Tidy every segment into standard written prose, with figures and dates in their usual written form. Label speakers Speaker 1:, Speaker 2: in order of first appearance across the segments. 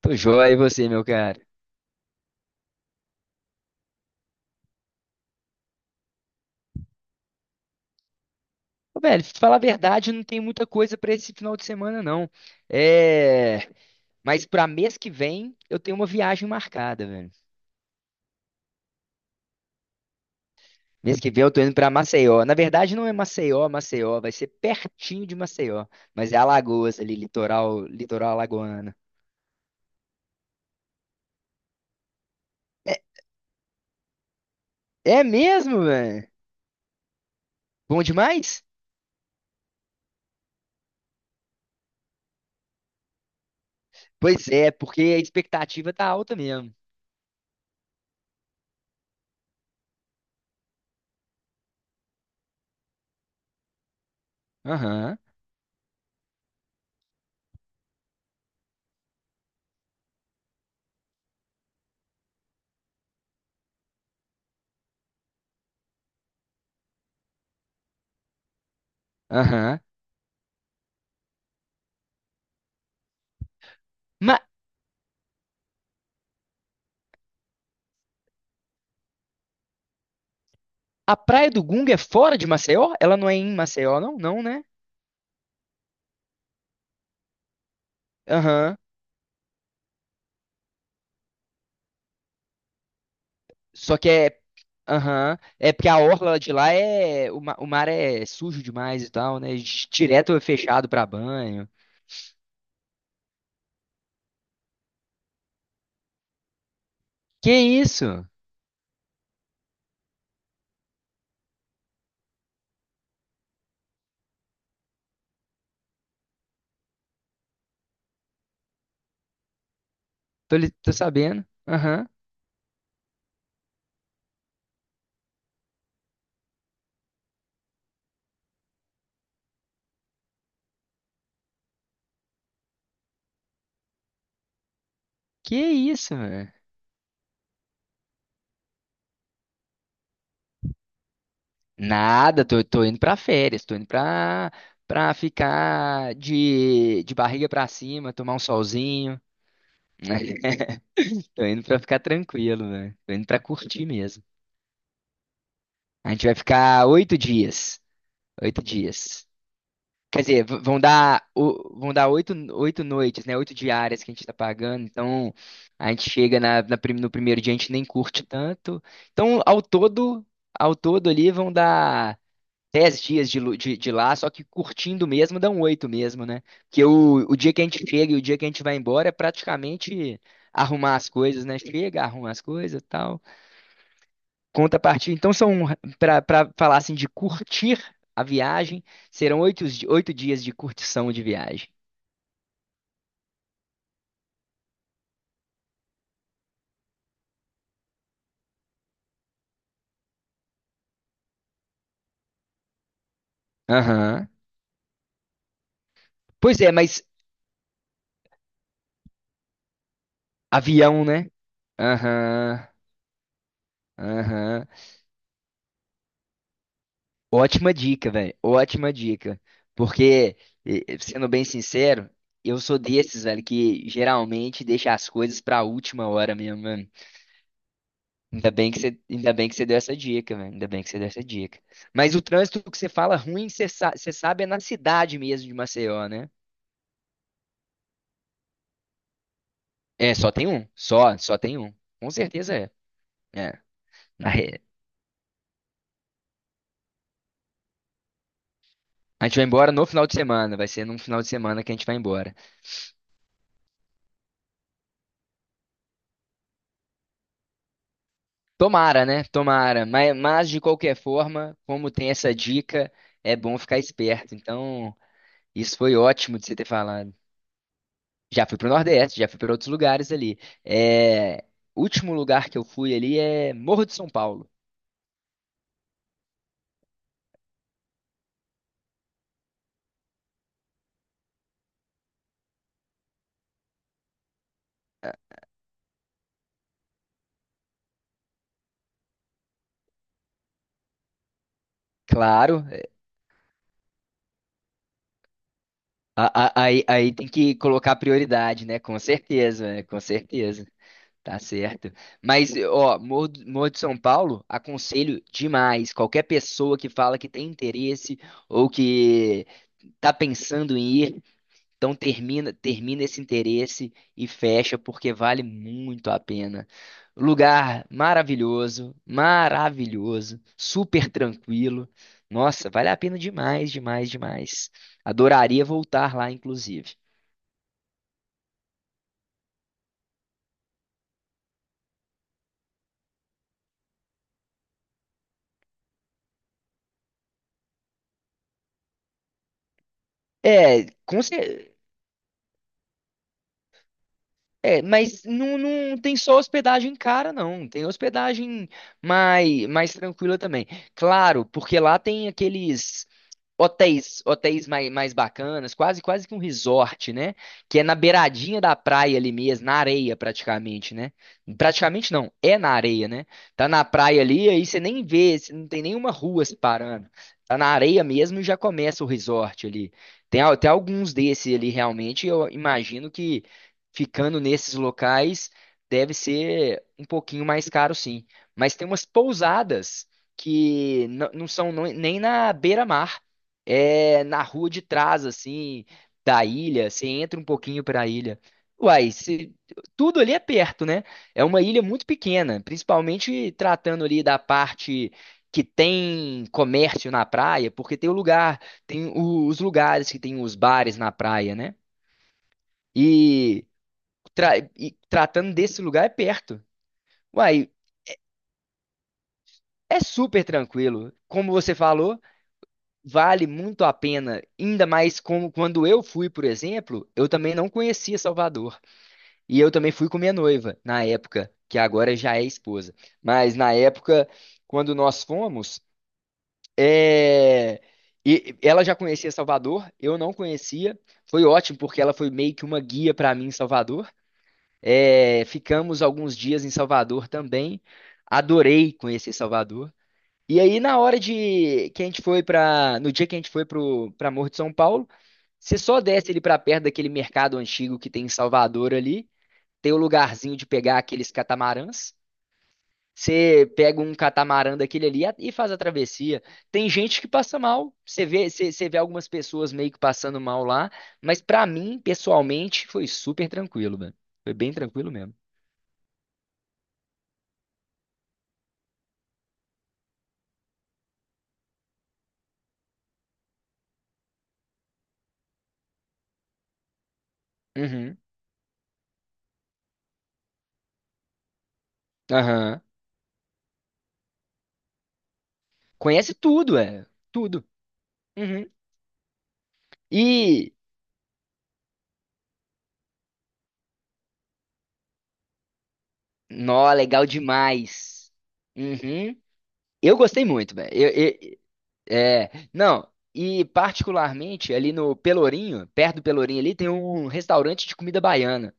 Speaker 1: Tô joia, e você, meu cara? Ô, velho, pra te falar a verdade, não tem muita coisa pra esse final de semana, não. É... Mas pra mês que vem, eu tenho uma viagem marcada, velho. Mês que vem eu tô indo pra Maceió. Na verdade, não é Maceió, Maceió. Vai ser pertinho de Maceió. Mas é Alagoas ali, litoral, litoral alagoano. É, é mesmo, velho? Bom demais? Pois é, porque a expectativa tá alta mesmo. Aham, aham. Mas a Praia do Gunga é fora de Maceió? Ela não é em Maceió, não? Não, né? Aham. Só que é. Aham. É porque a orla de lá é. O mar é sujo demais e tal, né? Direto é fechado pra banho. Que isso? Tô sabendo. Aham. Que isso, mano? Nada, tô indo pra férias, tô indo pra ficar de barriga pra cima, tomar um solzinho. Tô indo pra ficar tranquilo, velho. Tô indo pra curtir mesmo. A gente vai ficar oito dias. Oito dias. Quer dizer, vão dar oito noites, né? Oito diárias que a gente está pagando. Então, a gente chega no primeiro dia, a gente nem curte tanto. Então, ao todo ali vão dar dez dias de lá, só que curtindo mesmo, dão oito mesmo, né? Porque o dia que a gente chega e o dia que a gente vai embora é praticamente arrumar as coisas, né? Chega, arruma as coisas e tal. Contrapartida. Então, são, para falar assim, de curtir a viagem, serão oito dias de curtição de viagem. Aham. Pois é, mas avião, né? Aham, aham. Ótima dica, velho. Ótima dica. Porque, sendo bem sincero, eu sou desses, velho, que geralmente deixa as coisas pra última hora mesmo, mano. Ainda bem que você deu essa dica, velho. Ainda bem que você deu essa dica. Mas o trânsito que você fala ruim, você sabe, é na cidade mesmo de Maceió, né? É, só tem um. Só tem um. Com certeza é. É. Na re- A gente vai embora no final de semana. Vai ser num final de semana que a gente vai embora. Tomara, né? Tomara. Mas de qualquer forma, como tem essa dica, é bom ficar esperto. Então, isso foi ótimo de você ter falado. Já fui pro Nordeste, já fui para outros lugares ali. É, último lugar que eu fui ali é Morro de São Paulo. Claro, aí tem que colocar prioridade, né? Com certeza, né? Com certeza. Tá certo. Mas, ó, Morro de São Paulo, aconselho demais. Qualquer pessoa que fala que tem interesse ou que tá pensando em ir, então termina esse interesse e fecha porque vale muito a pena. Lugar maravilhoso, maravilhoso, super tranquilo. Nossa, vale a pena demais, demais, demais. Adoraria voltar lá, inclusive. É, com cer- mas não tem só hospedagem cara, não. Tem hospedagem mais tranquila também. Claro, porque lá tem aqueles hotéis mais bacanas, quase quase que um resort, né? Que é na beiradinha da praia ali mesmo, na areia praticamente, né? Praticamente não, é na areia, né? Tá na praia ali, aí você nem vê, você não tem nenhuma rua separando. Tá na areia mesmo e já começa o resort ali. Tem até alguns desses ali realmente, eu imagino que ficando nesses locais deve ser um pouquinho mais caro sim. Mas tem umas pousadas que não são nem na beira-mar, é na rua de trás, assim, da ilha. Você entra um pouquinho para a ilha. Uai, tudo ali é perto, né? É uma ilha muito pequena, principalmente tratando ali da parte que tem comércio na praia, porque tem o lugar, tem o- os lugares que tem os bares na praia, né? E, e tratando desse lugar é perto. Uai, é super tranquilo. Como você falou. Vale muito a pena, ainda mais como quando eu fui, por exemplo, eu também não conhecia Salvador. E eu também fui com minha noiva, na época, que agora já é esposa. Mas na época, quando nós fomos, é, e ela já conhecia Salvador, eu não conhecia. Foi ótimo, porque ela foi meio que uma guia para mim em Salvador. É, ficamos alguns dias em Salvador também. Adorei conhecer Salvador. E aí, na hora de que a gente foi para, no dia que a gente foi pro para Morro de São Paulo, você só desce ali para perto daquele mercado antigo que tem em Salvador ali, tem o lugarzinho de pegar aqueles catamarãs. Você pega um catamarã daquele ali e faz a travessia. Tem gente que passa mal. Você vê, você vê algumas pessoas meio que passando mal lá, mas pra mim, pessoalmente, foi super tranquilo, velho. Foi bem tranquilo mesmo. Uhum. Aham. Conhece tudo, é. Tudo. Uhum. E nó, legal demais. Uhum. Eu gostei muito, velho. É, não, e particularmente ali no Pelourinho, perto do Pelourinho ali, tem um restaurante de comida baiana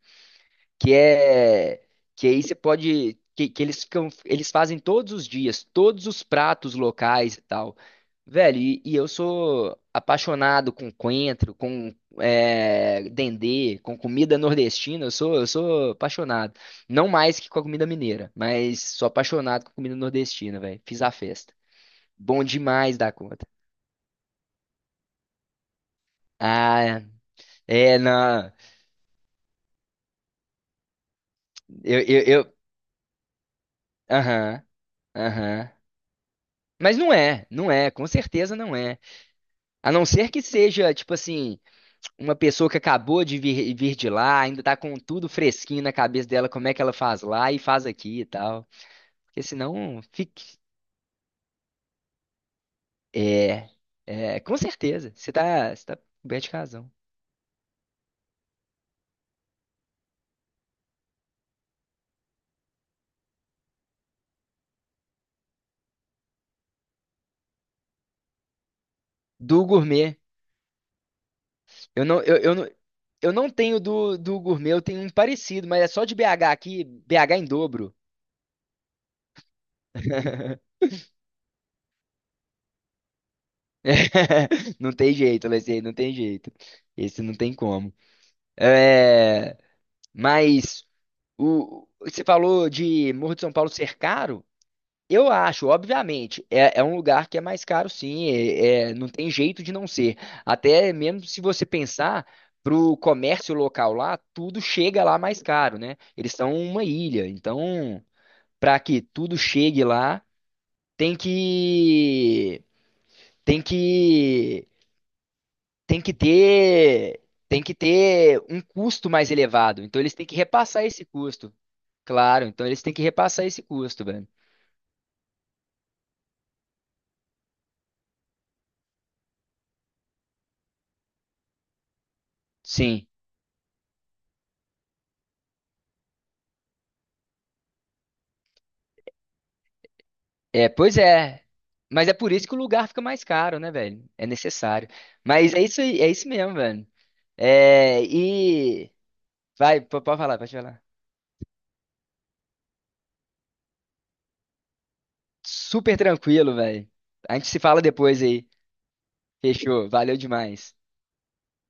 Speaker 1: que é que aí você pode que eles fazem todos os dias todos os pratos locais e tal, velho. E eu sou apaixonado com coentro, com dendê, com comida nordestina. Eu sou apaixonado, não mais que com a comida mineira, mas sou apaixonado com comida nordestina, velho. Fiz a festa. Bom demais da conta. Ah, é, não. Eu aham, aham, mas não é, não é, com certeza, não é. A não ser que seja, tipo assim, uma pessoa que acabou de vir, de lá, ainda tá com tudo fresquinho na cabeça dela, como é que ela faz lá e faz aqui e tal. Porque senão, fique. É, é, com certeza. Você tá coberto de razão. Do gourmet. Eu não, eu, eu não, eu não tenho do gourmet, eu tenho um parecido, mas é só de BH aqui, BH em dobro. Não tem jeito, Alessandro, não tem jeito. Esse não tem como. É, mas. O, você falou de Morro de São Paulo ser caro? Eu acho, obviamente, é um lugar que é mais caro, sim, não tem jeito de não ser. Até mesmo se você pensar para o comércio local lá, tudo chega lá mais caro, né? Eles são uma ilha, então para que tudo chegue lá, tem que tem que tem que ter tem que ter um custo mais elevado. Então eles têm que repassar esse custo. Claro, então eles têm que repassar esse custo, velho. Sim. É, pois é. Mas é por isso que o lugar fica mais caro, né, velho? É necessário. Mas é isso aí, é isso mesmo, velho. É, e vai, pode falar, pode falar. Super tranquilo, velho. A gente se fala depois aí. Fechou. Valeu demais.